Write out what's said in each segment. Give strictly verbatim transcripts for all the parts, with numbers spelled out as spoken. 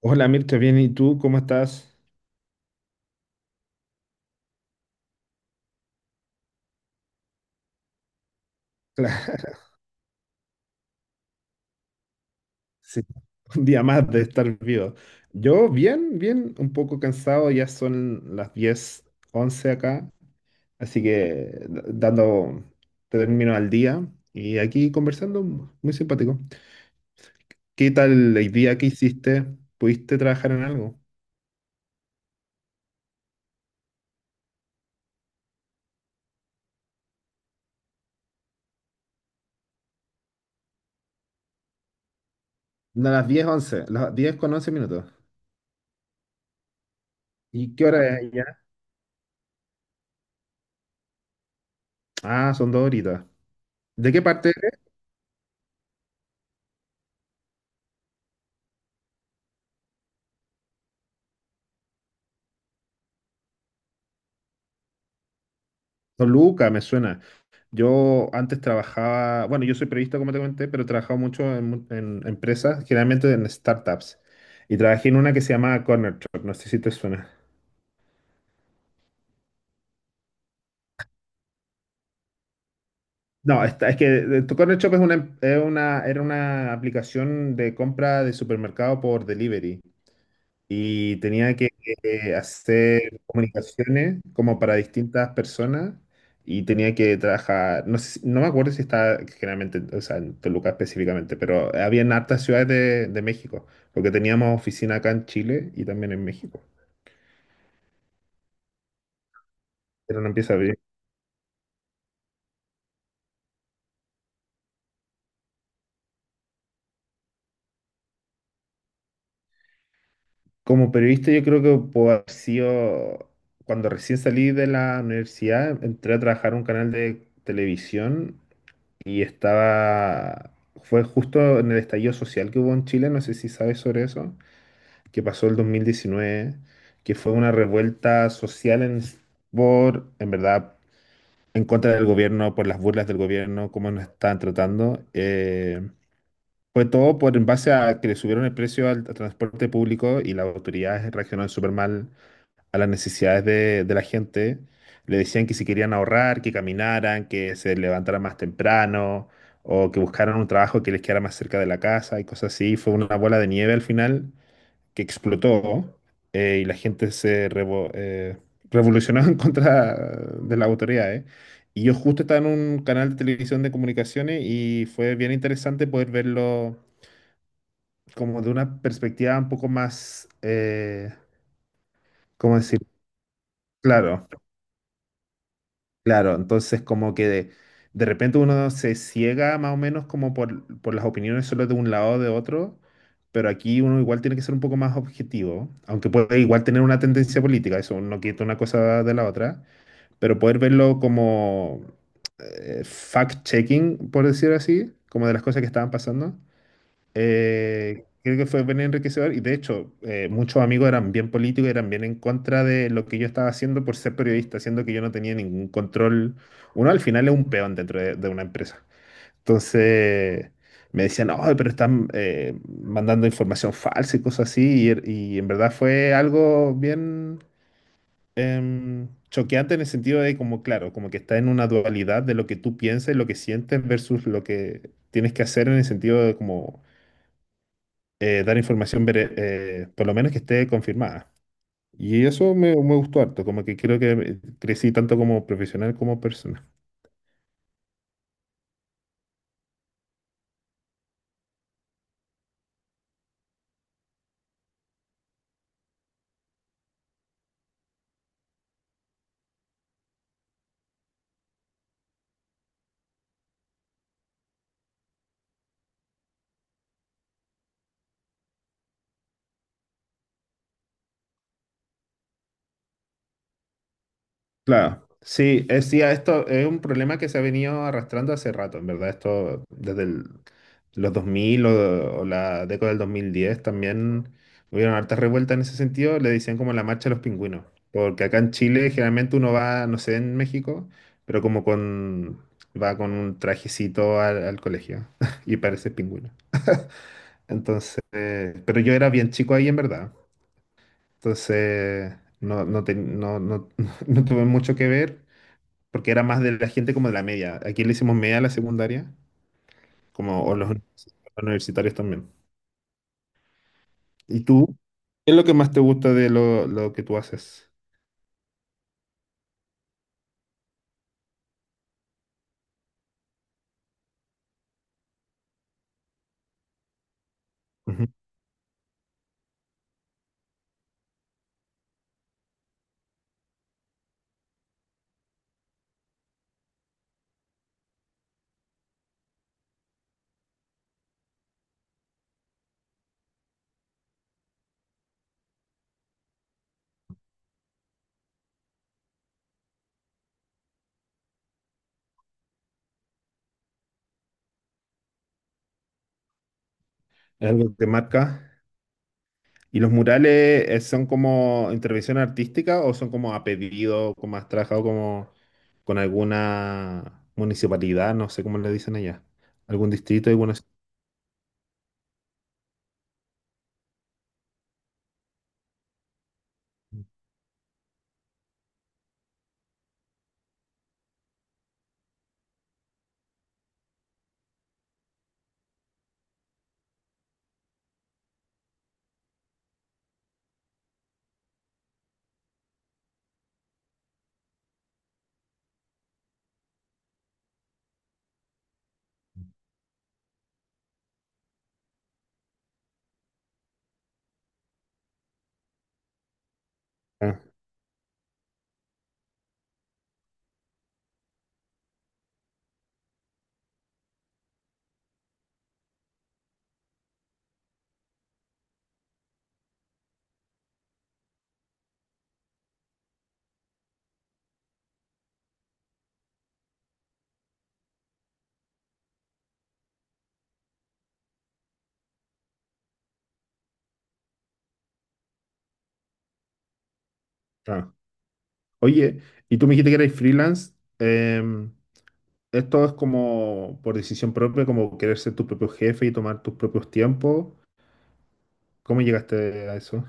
Hola Mircha, bien, ¿y tú cómo estás? Claro, sí, un día más de estar vivo. Yo bien, bien, un poco cansado, ya son las diez once acá, así que d- dando término al día y aquí conversando, muy simpático. ¿Qué tal el día que hiciste? ¿Pudiste trabajar en algo? No, las diez once, las diez con once minutos. ¿Y qué hora es ya? Ah, son dos horitas. ¿De qué parte eres? Toluca, me suena. Yo antes trabajaba, bueno, yo soy periodista, como te comenté, pero he trabajado mucho en, mu- en empresas, generalmente en startups. Y trabajé en una que se llamaba Corner Shop, no sé si te suena. No, esta- es que eh, tu Corner Shop es una, em- es una- era una aplicación de compra de supermercado por delivery. Y tenía que eh, hacer comunicaciones como para distintas personas y tenía que trabajar, no sé si- no me acuerdo si estaba generalmente, o sea, en Toluca específicamente, pero había en hartas ciudades de, de México, porque teníamos oficina acá en Chile y también en México, pero no empieza a abrir. Como periodista yo creo que puedo haber sido, cuando recién salí de la universidad, entré a trabajar en un canal de televisión y estaba, fue justo en el estallido social que hubo en Chile, no sé si sabes sobre eso, que pasó el dos mil diecinueve, que fue una revuelta social en, por, en verdad, en contra del gobierno, por las burlas del gobierno, cómo nos estaban tratando. eh, fue todo por en base a que le subieron el precio al transporte público y las autoridades reaccionaron súper mal a las necesidades de, de la gente. Le decían que si querían ahorrar, que caminaran, que se levantaran más temprano o que buscaran un trabajo que les quedara más cerca de la casa y cosas así. Fue una bola de nieve al final que explotó, eh, y la gente se revo- eh, revolucionó en contra de las autoridades. Y yo justo estaba en un canal de televisión de comunicaciones y fue bien interesante poder verlo como de una perspectiva un poco más, eh, ¿cómo decir? Claro. Claro, entonces como que de, de repente uno se ciega más o menos como por, por las opiniones solo de un lado o de otro, pero aquí uno igual tiene que ser un poco más objetivo, aunque puede igual tener una tendencia política, eso no quita una cosa de la otra, pero poder verlo como eh, fact-checking, por decir así, como de las cosas que estaban pasando, eh, creo que fue bien enriquecedor y de hecho eh, muchos amigos eran bien políticos, eran bien en contra de lo que yo estaba haciendo por ser periodista, siendo que yo no tenía ningún control. Uno al final es un peón dentro de, de una empresa. Entonces me decían, no, pero están eh, mandando información falsa y cosas así. Y, er- y en verdad fue algo bien em, choqueante en el sentido de como, claro, como que está en una dualidad de lo que tú piensas y lo que sientes versus lo que tienes que hacer en el sentido de como eh, dar información, vere- eh, por lo menos que esté confirmada. Y eso me, me gustó harto, como que creo que eh, crecí tanto como profesional como persona. Claro, sí, es, sí, esto es un problema que se ha venido arrastrando hace rato, en verdad, esto desde el- los dos mil o, o la década del dos mil diez también hubieron hartas revueltas en ese sentido, le decían como la marcha de los pingüinos, porque acá en Chile generalmente uno va, no sé, en México, pero como con, va con un trajecito al al colegio y parece pingüino. Entonces, eh, pero yo era bien chico ahí en verdad. Entonces, no, no, ten- no, no, no tuve mucho que ver porque era más de la gente como de la media. Aquí le hicimos media a la secundaria, como o los univers- universitarios también. ¿Y tú? ¿Qué es lo que más te gusta de lo, lo que tú haces? Ujú. ¿Es algo que te marca? ¿Y los murales eh, son como intervención artística o son como a pedido, como has trabajado como con alguna municipalidad, no sé cómo le dicen allá, algún distrito, alguna? Ah, ah. Oye, y tú me dijiste que eres freelance. em, ¿esto es como por decisión propia, como querer ser tu propio jefe y tomar tus propios tiempos? ¿Cómo llegaste a eso?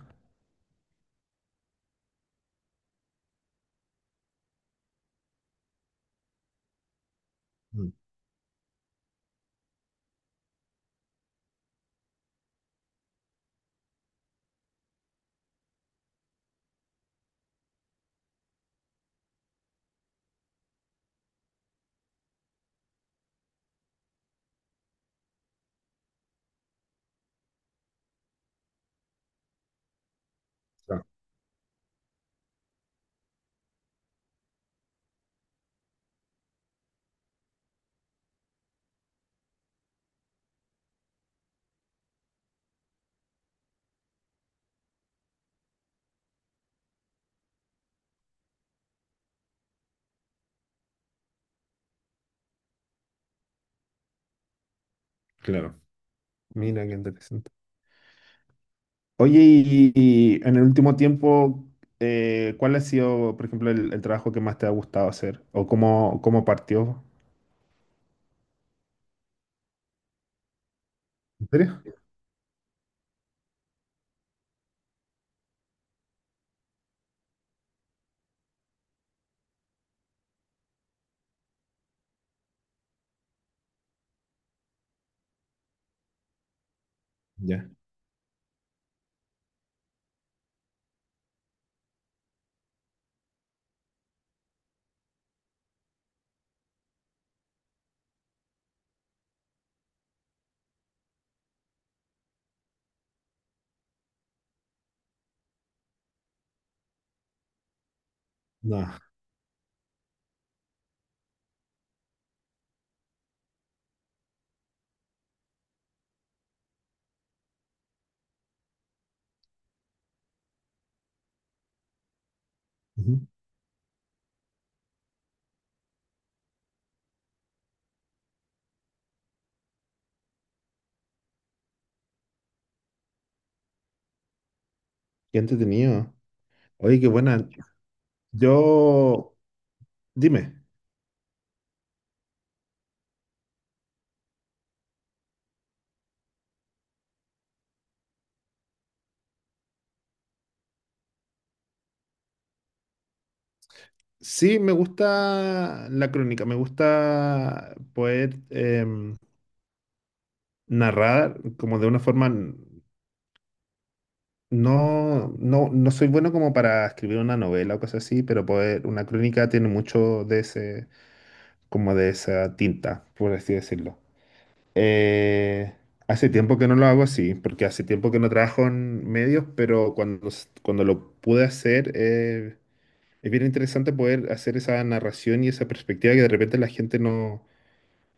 Mm, ah, claro. Mira, qué interesante. Oye, y, y en el último tiempo, eh, ¿cuál ha sido, por ejemplo, el, el trabajo que más te ha gustado hacer? ¿O cómo, cómo partió? ¿En serio? Ya. No. Ujú. Qué entretenido. Oye, qué buena. Yo, dime. Sí, me gusta la crónica, me gusta poder em, narrar como de una forma, n- no, no, no soy bueno como para escribir una novela o cosas así, pero poder, una crónica tiene mucho de ese, como de esa tinta, por así decirlo. Eh, hace tiempo que no lo hago así, porque hace tiempo que no trabajo en medios, pero cuando, s- cuando lo pude hacer, eh, es bien interesante poder hacer esa narración y esa perspectiva que de repente la gente no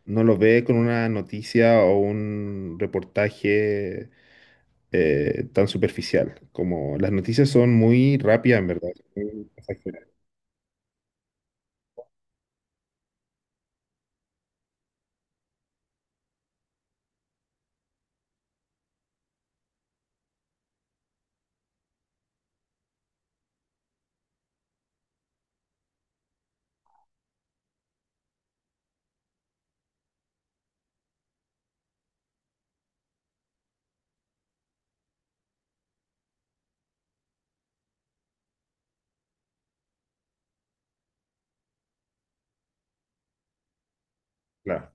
no lo ve con una noticia o un reportaje eh, tan superficial. Como las noticias son muy rápidas, en verdad, son muy pasajeras. Claro,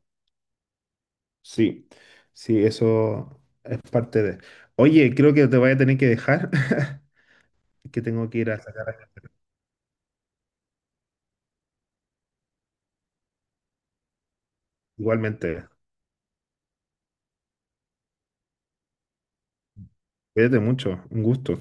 sí, sí, eso es parte de. Oye, creo que te voy a tener que dejar, que tengo que ir a sacar. Igualmente. Cuídate mucho, un gusto.